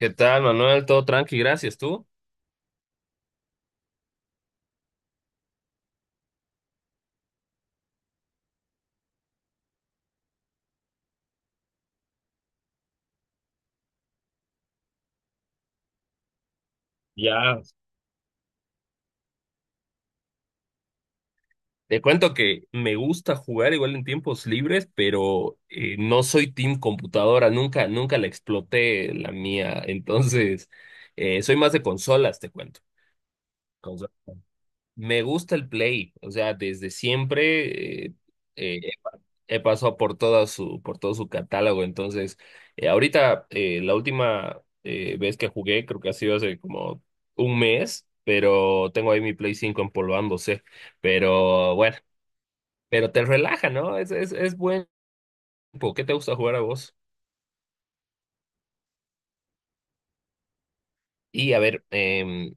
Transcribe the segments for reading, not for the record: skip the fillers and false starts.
¿Qué tal, Manuel? Todo tranqui, gracias. ¿Tú? Ya. Te cuento que me gusta jugar igual en tiempos libres, pero no soy team computadora, nunca, nunca la exploté la mía. Entonces, soy más de consolas, te cuento. Consola. Me gusta el Play, o sea, desde siempre eh, he pasado por por todo su catálogo. Entonces, ahorita la última vez que jugué, creo que ha sido hace como un mes, pero tengo ahí mi Play 5 empolvándose. Pero bueno, pero te relaja, ¿no? Es buen tiempo. ¿Qué te gusta jugar a vos? Y a ver,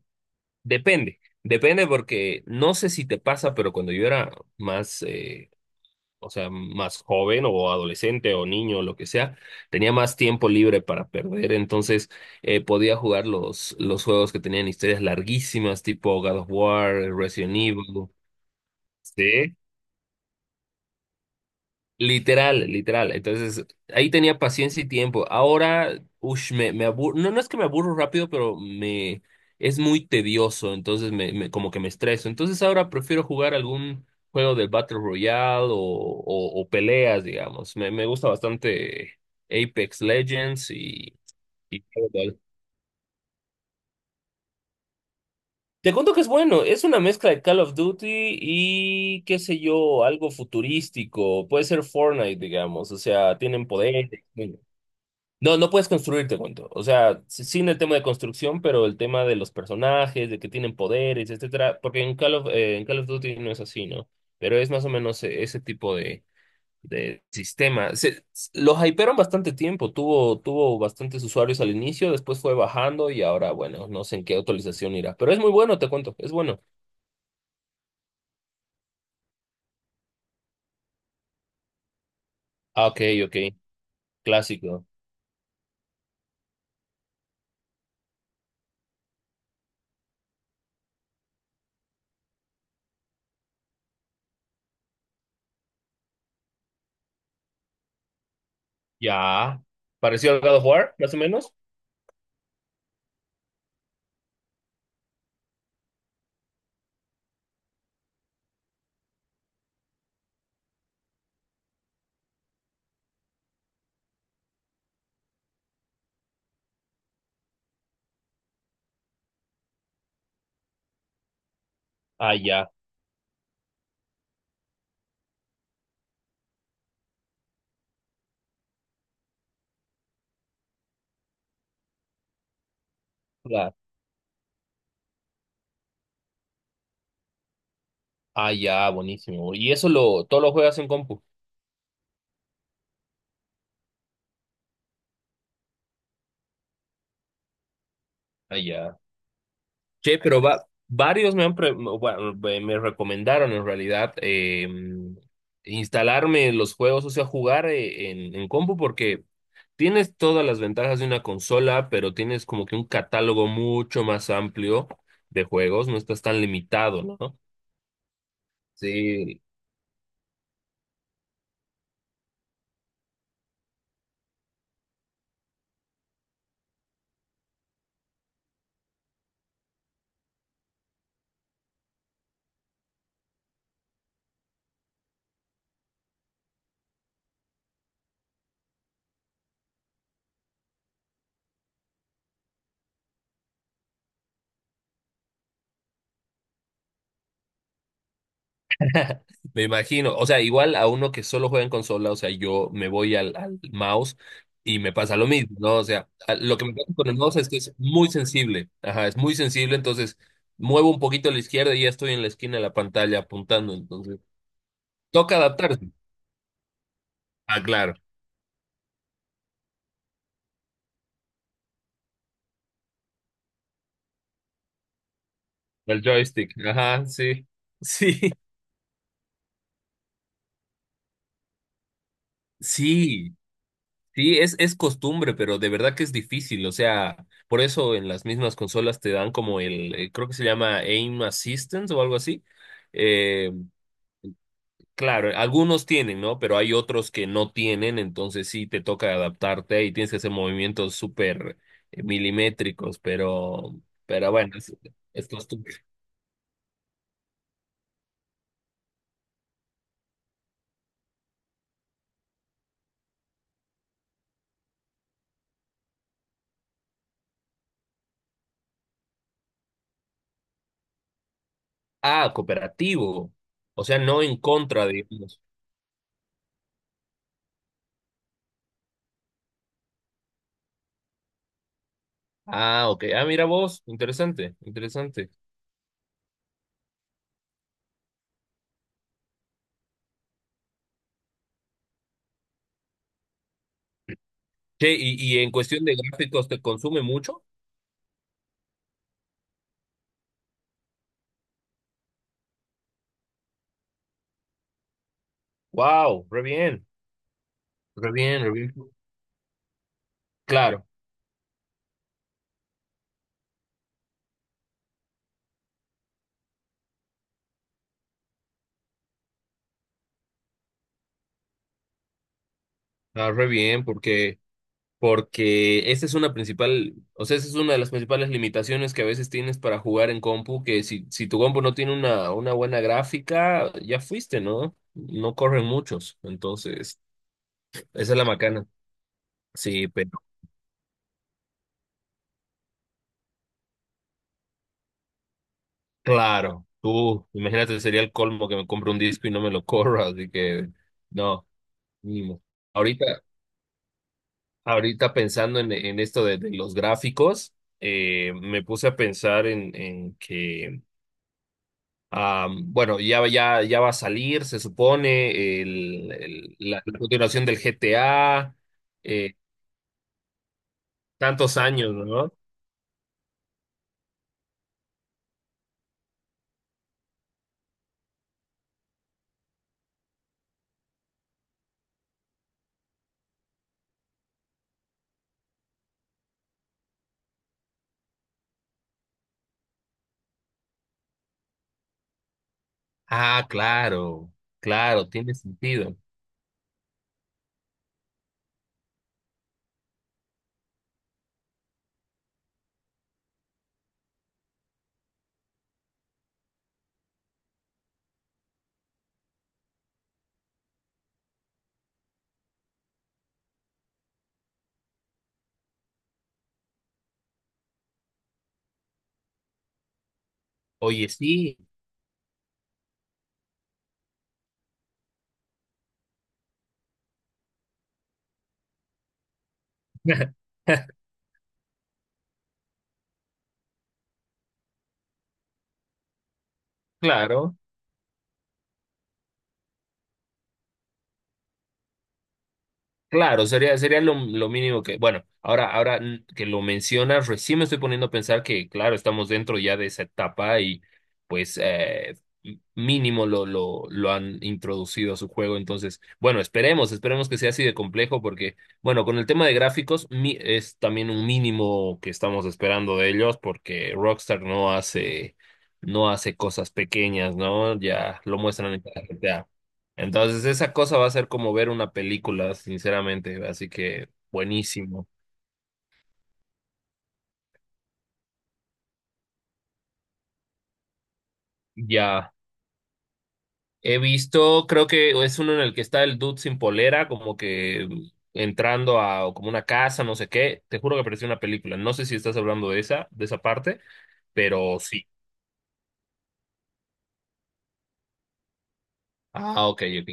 depende. Depende porque no sé si te pasa, pero cuando yo era más, o sea, más joven o adolescente o niño o lo que sea, tenía más tiempo libre para perder, entonces podía jugar los juegos que tenían historias larguísimas, tipo God of War, Resident Evil. Sí. Literal, literal. Entonces, ahí tenía paciencia y tiempo. Ahora, ush, me aburro. No, no es que me aburro rápido, pero me es muy tedioso. Entonces, como que me estreso. Entonces, ahora prefiero jugar algún juego del Battle Royale o peleas, digamos. Me gusta bastante Apex Legends y LOL. Te cuento que es bueno, es una mezcla de Call of Duty y qué sé yo, algo futurístico, puede ser Fortnite, digamos, o sea, tienen poderes. No, no puedes construir, te cuento. O sea, sí- sin el tema de construcción, pero el tema de los personajes, de que tienen poderes, etcétera. Porque en Call of Duty no es así, ¿no? Pero es más o menos ese tipo de sistema. Lo hypearon bastante tiempo, tuvo, tuvo bastantes usuarios al inicio, después fue bajando y ahora, bueno, no sé en qué actualización irá. Pero es muy bueno, te cuento, es bueno. Ah, ok, ok, clásico. Ya. ¿Pareció al God of War, más o menos? Ah, ya. Claro. Ah, ya, buenísimo. ¿Y eso lo, todo lo juegas en compu? Allá. Che, pero va, varios me han pre- bueno, me me recomendaron en realidad instalarme los juegos, o sea, jugar en compu porque tienes todas las ventajas de una consola, pero tienes como que un catálogo mucho más amplio de juegos, no estás tan limitado, ¿no? Sí. Me imagino, o sea, igual a uno que solo juega en consola, o sea, yo me voy al mouse y me pasa lo mismo, ¿no? O sea, a- lo que me pasa con el mouse es que es muy sensible, ajá, es muy sensible, entonces muevo un poquito a la izquierda y ya estoy en la esquina de la pantalla apuntando, entonces toca adaptarse. Ah, claro, el joystick, ajá, sí, sí, sí, sí, es costumbre, pero de verdad que es difícil. O sea, por eso en las mismas consolas te dan como el, creo que se llama Aim Assistance o algo así. Eh, claro, algunos tienen, ¿no? Pero hay otros que no tienen, entonces sí te toca adaptarte y tienes que hacer movimientos súper milimétricos, pero bueno, es costumbre. Ah, cooperativo. O sea, no en contra, digamos. Ah, ok. Ah, mira vos, interesante, interesante. Che, y en cuestión de gráficos, ¿te consume mucho? Wow, re bien, re bien, re bien. Claro, ah, re bien, porque, porque esa es una principal, o sea, esa es una de las principales limitaciones que a veces tienes para jugar en compu, que si, si tu compu no tiene una buena gráfica, ya fuiste, ¿no? No corren muchos, entonces, esa es la macana. Sí, pero claro, tú, imagínate, sería el colmo que me compre un disco y no me lo corra, así que, no, mínimo. Ahorita. Ahorita pensando en esto de los gráficos, me puse a pensar en que, bueno, ya, ya, ya va a salir, se supone, el- la continuación del GTA, eh, tantos años, ¿no? Ah, claro, claro, tiene sentido. Oye, sí, claro. Claro, sería, sería lo mínimo que, bueno, ahora, que lo mencionas, recién me estoy poniendo a pensar que, claro, estamos dentro ya de esa etapa y pues m- mínimo lo han introducido a su juego. Entonces, bueno, esperemos, esperemos que sea así de complejo porque, bueno, con el tema de gráficos mi- es también un mínimo que estamos esperando de ellos porque Rockstar no hace, no hace cosas pequeñas, ¿no? Ya lo muestran en cada GTA. Entonces, esa cosa va a ser como ver una película, sinceramente. Así que, buenísimo. Ya. He visto, creo que es uno en el que está el dude sin polera, como que entrando a como una casa, no sé qué. Te juro que pareció una película. No sé si estás hablando de esa parte, pero sí. Ah, ok, ok.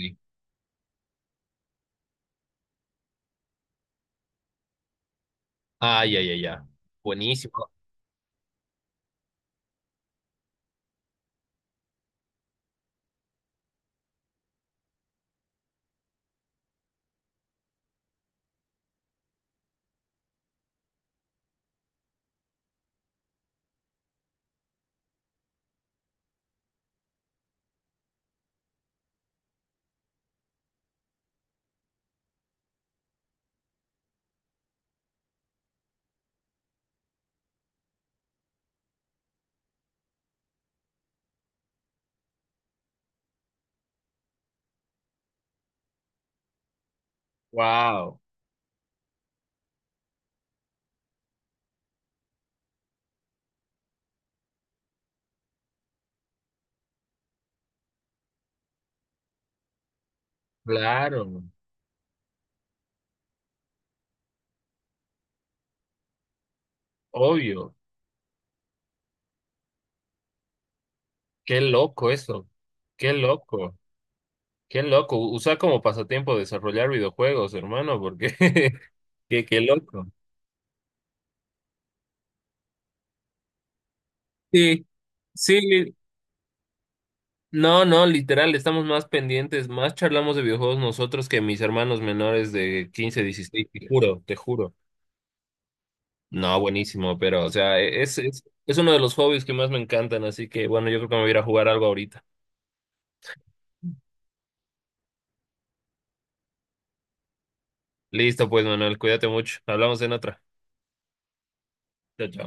Ah, ya, ya, ya. Buenísimo. Wow. Claro. Obvio. Qué loco eso. Qué loco. Qué loco, usa como pasatiempo desarrollar videojuegos, hermano, porque qué, qué loco. Sí, sí, li- no, no, literal, estamos más pendientes, más charlamos de videojuegos nosotros que mis hermanos menores de 15, 16. Te juro, te juro. No, buenísimo, pero, o sea, e-, es uno de los hobbies que más me encantan, así que, bueno, yo creo que me voy a ir a jugar algo ahorita. Listo, pues, Manuel, cuídate mucho, hablamos en otra. Chao, chao.